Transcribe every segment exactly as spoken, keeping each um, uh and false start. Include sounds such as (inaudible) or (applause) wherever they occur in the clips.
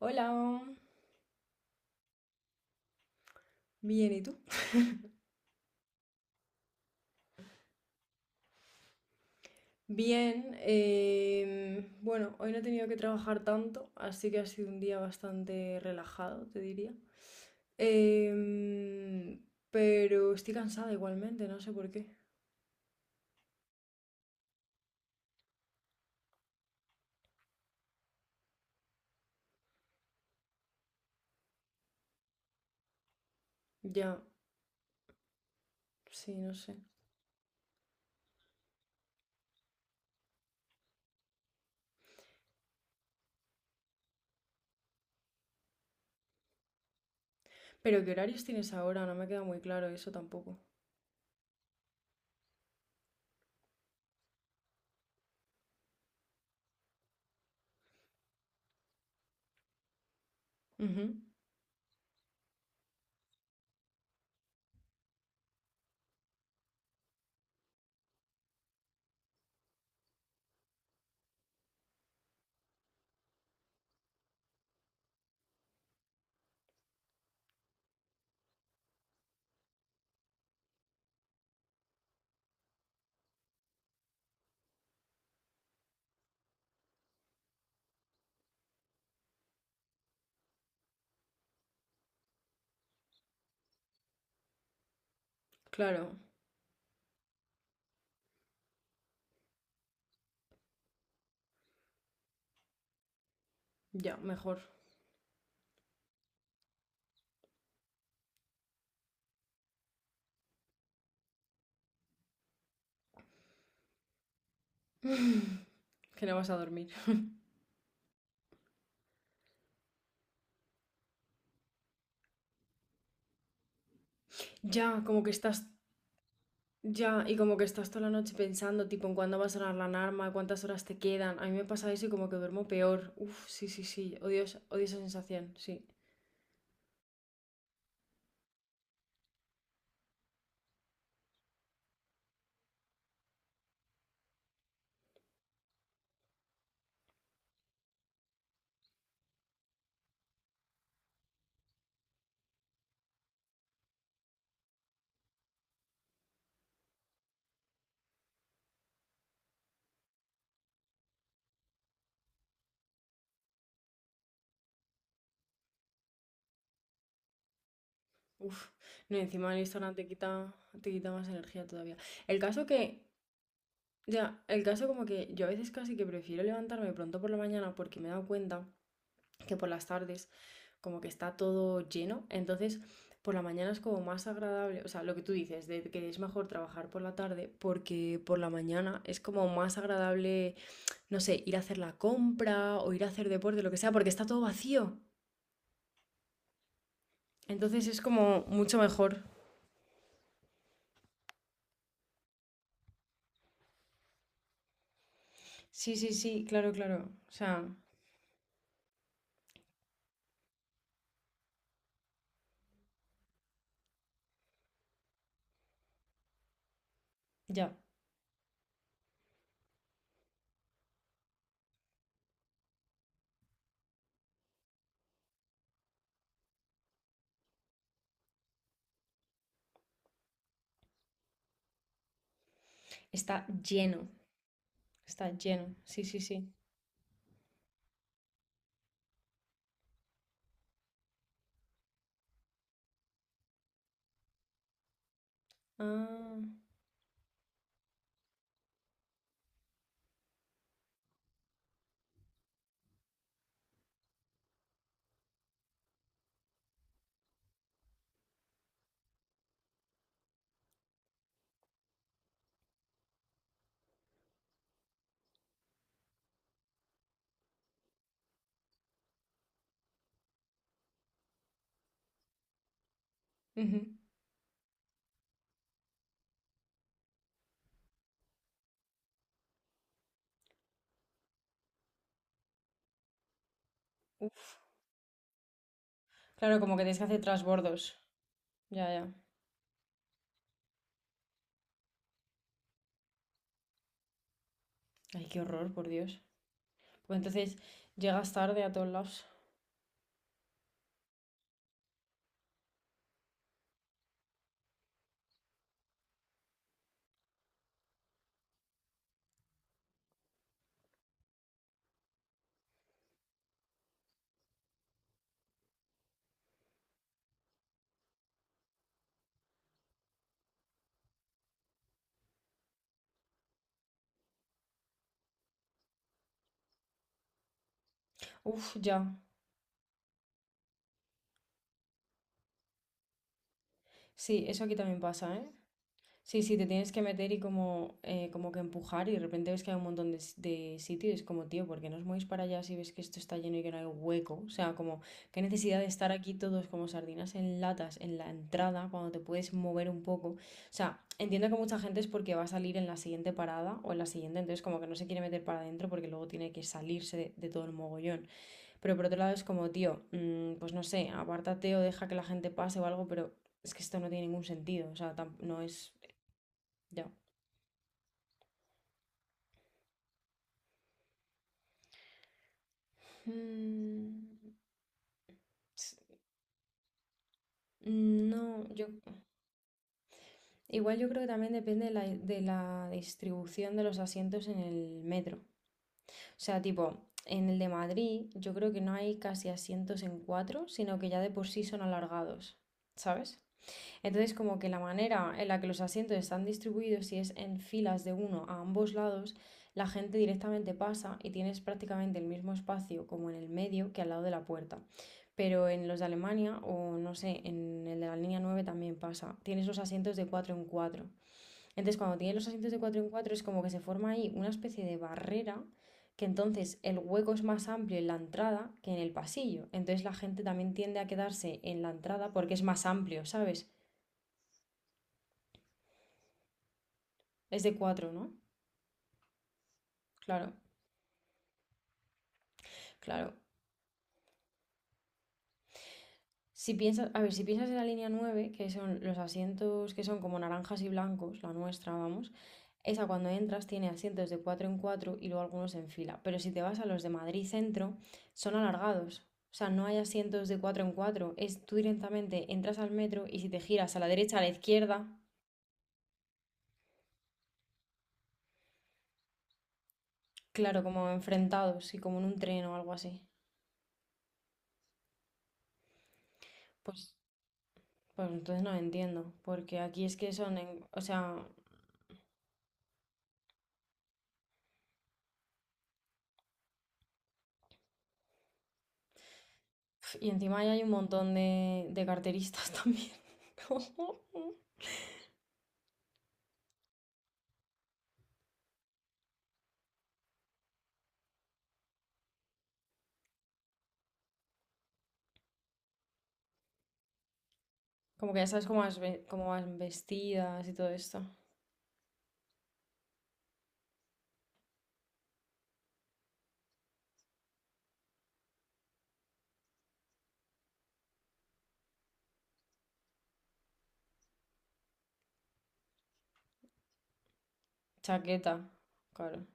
Hola, bien, ¿y tú? Bien, eh, bueno, hoy no he tenido que trabajar tanto, así que ha sido un día bastante relajado, te diría. Em, pero estoy cansada igualmente, no sé por qué. Ya, sí, no sé. Pero ¿qué horarios tienes ahora? No me queda muy claro eso tampoco. Ujú. Claro, ya, mejor. (laughs) Que no vas a dormir. Ya, como que estás. Ya, y como que estás toda la noche pensando, tipo, en cuándo va a sonar la alarma, cuántas horas te quedan. A mí me pasa eso y como que duermo peor. Uf, sí, sí, sí. Odio, esa- odio esa sensación, sí. Uf. No, y encima el Instagram te quita, te quita más energía todavía. El caso que, ya, el caso como que yo a veces casi que prefiero levantarme pronto por la mañana porque me he dado cuenta. Que por las tardes como que está todo lleno. Entonces, por la mañana es como más agradable, o sea, lo que tú dices, de que es mejor trabajar por la tarde, porque por la mañana es como más agradable, no sé, ir a hacer la compra o ir a hacer deporte, lo que sea, porque está todo vacío. Entonces es como mucho mejor. Sí, sí, sí, claro, claro. O sea, ya. Está lleno, está lleno. Sí, sí, sí. Ah, ujú. Uf. Claro, como que tienes que hacer trasbordos. Ya, ya. Ay, qué horror, por Dios. Pues entonces llegas tarde a todos lados. Uf, ya. Sí, eso aquí también pasa, ¿eh? Sí, sí, te tienes que meter y como, eh, como que empujar y de repente ves que hay un montón de, s- de sitios. Es como, tío, ¿por qué no os movéis para allá si ves que esto está lleno y que no hay hueco? O sea, como, qué necesidad de estar aquí todos como sardinas en latas en la entrada cuando te puedes mover un poco. O sea, entiendo que mucha gente es porque va a salir en la siguiente parada o en la siguiente, entonces como que no se quiere meter para adentro porque luego tiene que salirse de de todo el mogollón. Pero por otro lado es como, tío, mm, pues no sé, apártate o deja que la gente pase o algo, pero es que esto no tiene ningún sentido. O sea, tam- no es. Ya. Mm, no, yo. Igual yo creo que también depende de la, de la distribución de los asientos en el metro. O sea, tipo, en el de Madrid, yo creo que no hay casi asientos en cuatro, sino que ya de por sí son alargados. ¿Sabes? Entonces, como que la manera en la que los asientos están distribuidos, si es en filas de uno a ambos lados, la gente directamente pasa y tienes prácticamente el mismo espacio como en el medio que al lado de la puerta. Pero en los de Alemania o no sé, en el de la línea nueve también pasa. Tienes los asientos de cuatro en cuatro. Entonces, cuando tienes los asientos de cuatro en cuatro es como que se forma ahí una especie de barrera que entonces el hueco es más amplio en la entrada que en el pasillo. Entonces la gente también tiende a quedarse en la entrada porque es más amplio, ¿sabes? Es de cuatro, ¿no? Claro, claro. Si piensas, a ver, si piensas en la línea nueve, que son los asientos que son como naranjas y blancos, la nuestra, vamos, esa cuando entras tiene asientos de cuatro en cuatro y luego algunos en fila. Pero si te vas a los de Madrid Centro, son alargados. O sea, no hay asientos de cuatro en cuatro. Es tú directamente entras al metro y si te giras a la derecha, a la izquierda, claro, como enfrentados y como en un tren o algo así. Pues, pues entonces no lo entiendo. Porque aquí es que son en, o sea. Y encima ahí hay un montón de, de carteristas también. (laughs) Como que ya sabes cómo, vas ve- cómo van vestidas y todo esto. Chaqueta, claro.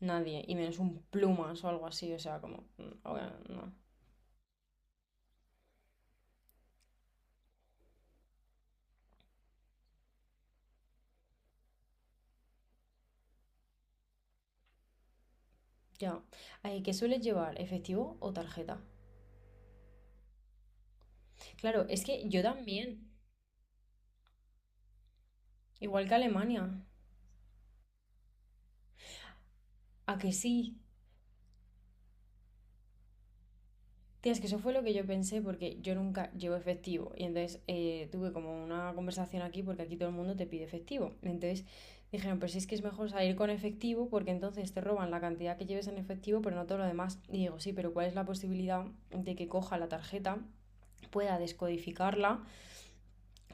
Nadie, y menos un plumas o algo así, o sea, como, mm, obvia- no. Ya. Ay, ¿qué sueles llevar? ¿Efectivo o tarjeta? Claro, es que yo también, igual que Alemania. ¿A que sí? Tía, es que eso fue lo que yo pensé porque yo nunca llevo efectivo y entonces eh, tuve como una conversación aquí porque aquí todo el mundo te pide efectivo. Entonces dijeron, pero si es que es mejor salir con efectivo porque entonces te roban la cantidad que lleves en efectivo pero no todo lo demás. Y digo, sí, pero ¿cuál es la posibilidad de que coja la tarjeta? Pueda descodificarla,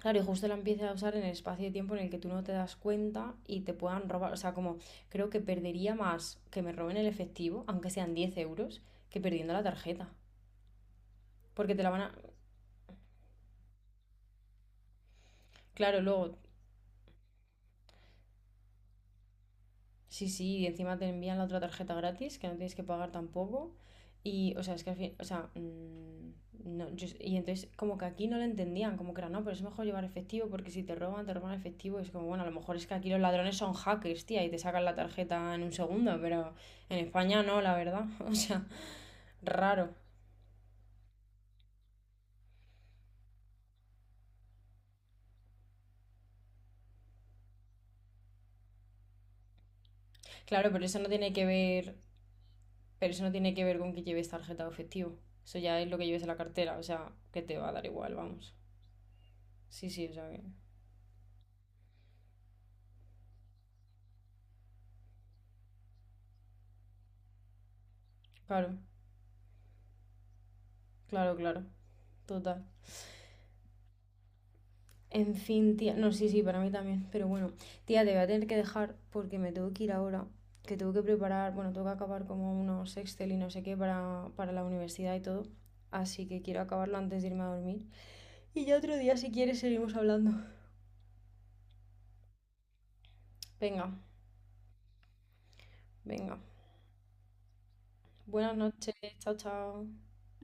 claro, y justo la empiece a usar en el espacio de tiempo en el que tú no te das cuenta y te puedan robar, o sea, como creo que perdería más que me roben el efectivo, aunque sean diez euros, que perdiendo la tarjeta. Porque te la van a. Claro, luego, sí, sí, y encima te envían la otra tarjeta gratis, que no tienes que pagar tampoco. Y, o sea, es que al fin, o sea, mm, no, yo- y entonces como que aquí no lo entendían, como que era, no, pero es mejor llevar efectivo porque si te roban, te roban efectivo. Y es como, bueno, a lo mejor es que aquí los ladrones son hackers, tía, y te sacan la tarjeta en un segundo, pero en España no, la verdad. (laughs) O sea, raro. Claro, pero eso no tiene que ver, pero eso no tiene que ver con que lleves tarjeta o efectivo. Eso ya es lo que lleves en la cartera, o sea, que te va a dar igual, vamos. Sí, sí, o sea que, claro. Claro, claro, total. En fin, tía, no, sí, sí, para mí también, pero bueno, tía, te voy a tener que dejar porque me tengo que ir ahora, que tengo que preparar, bueno, tengo que acabar como unos Excel y no sé qué para, para la universidad y todo, así que quiero acabarlo antes de irme a dormir. Y ya otro día, si quieres, seguimos hablando. Venga, venga. Buenas noches, chao, chao.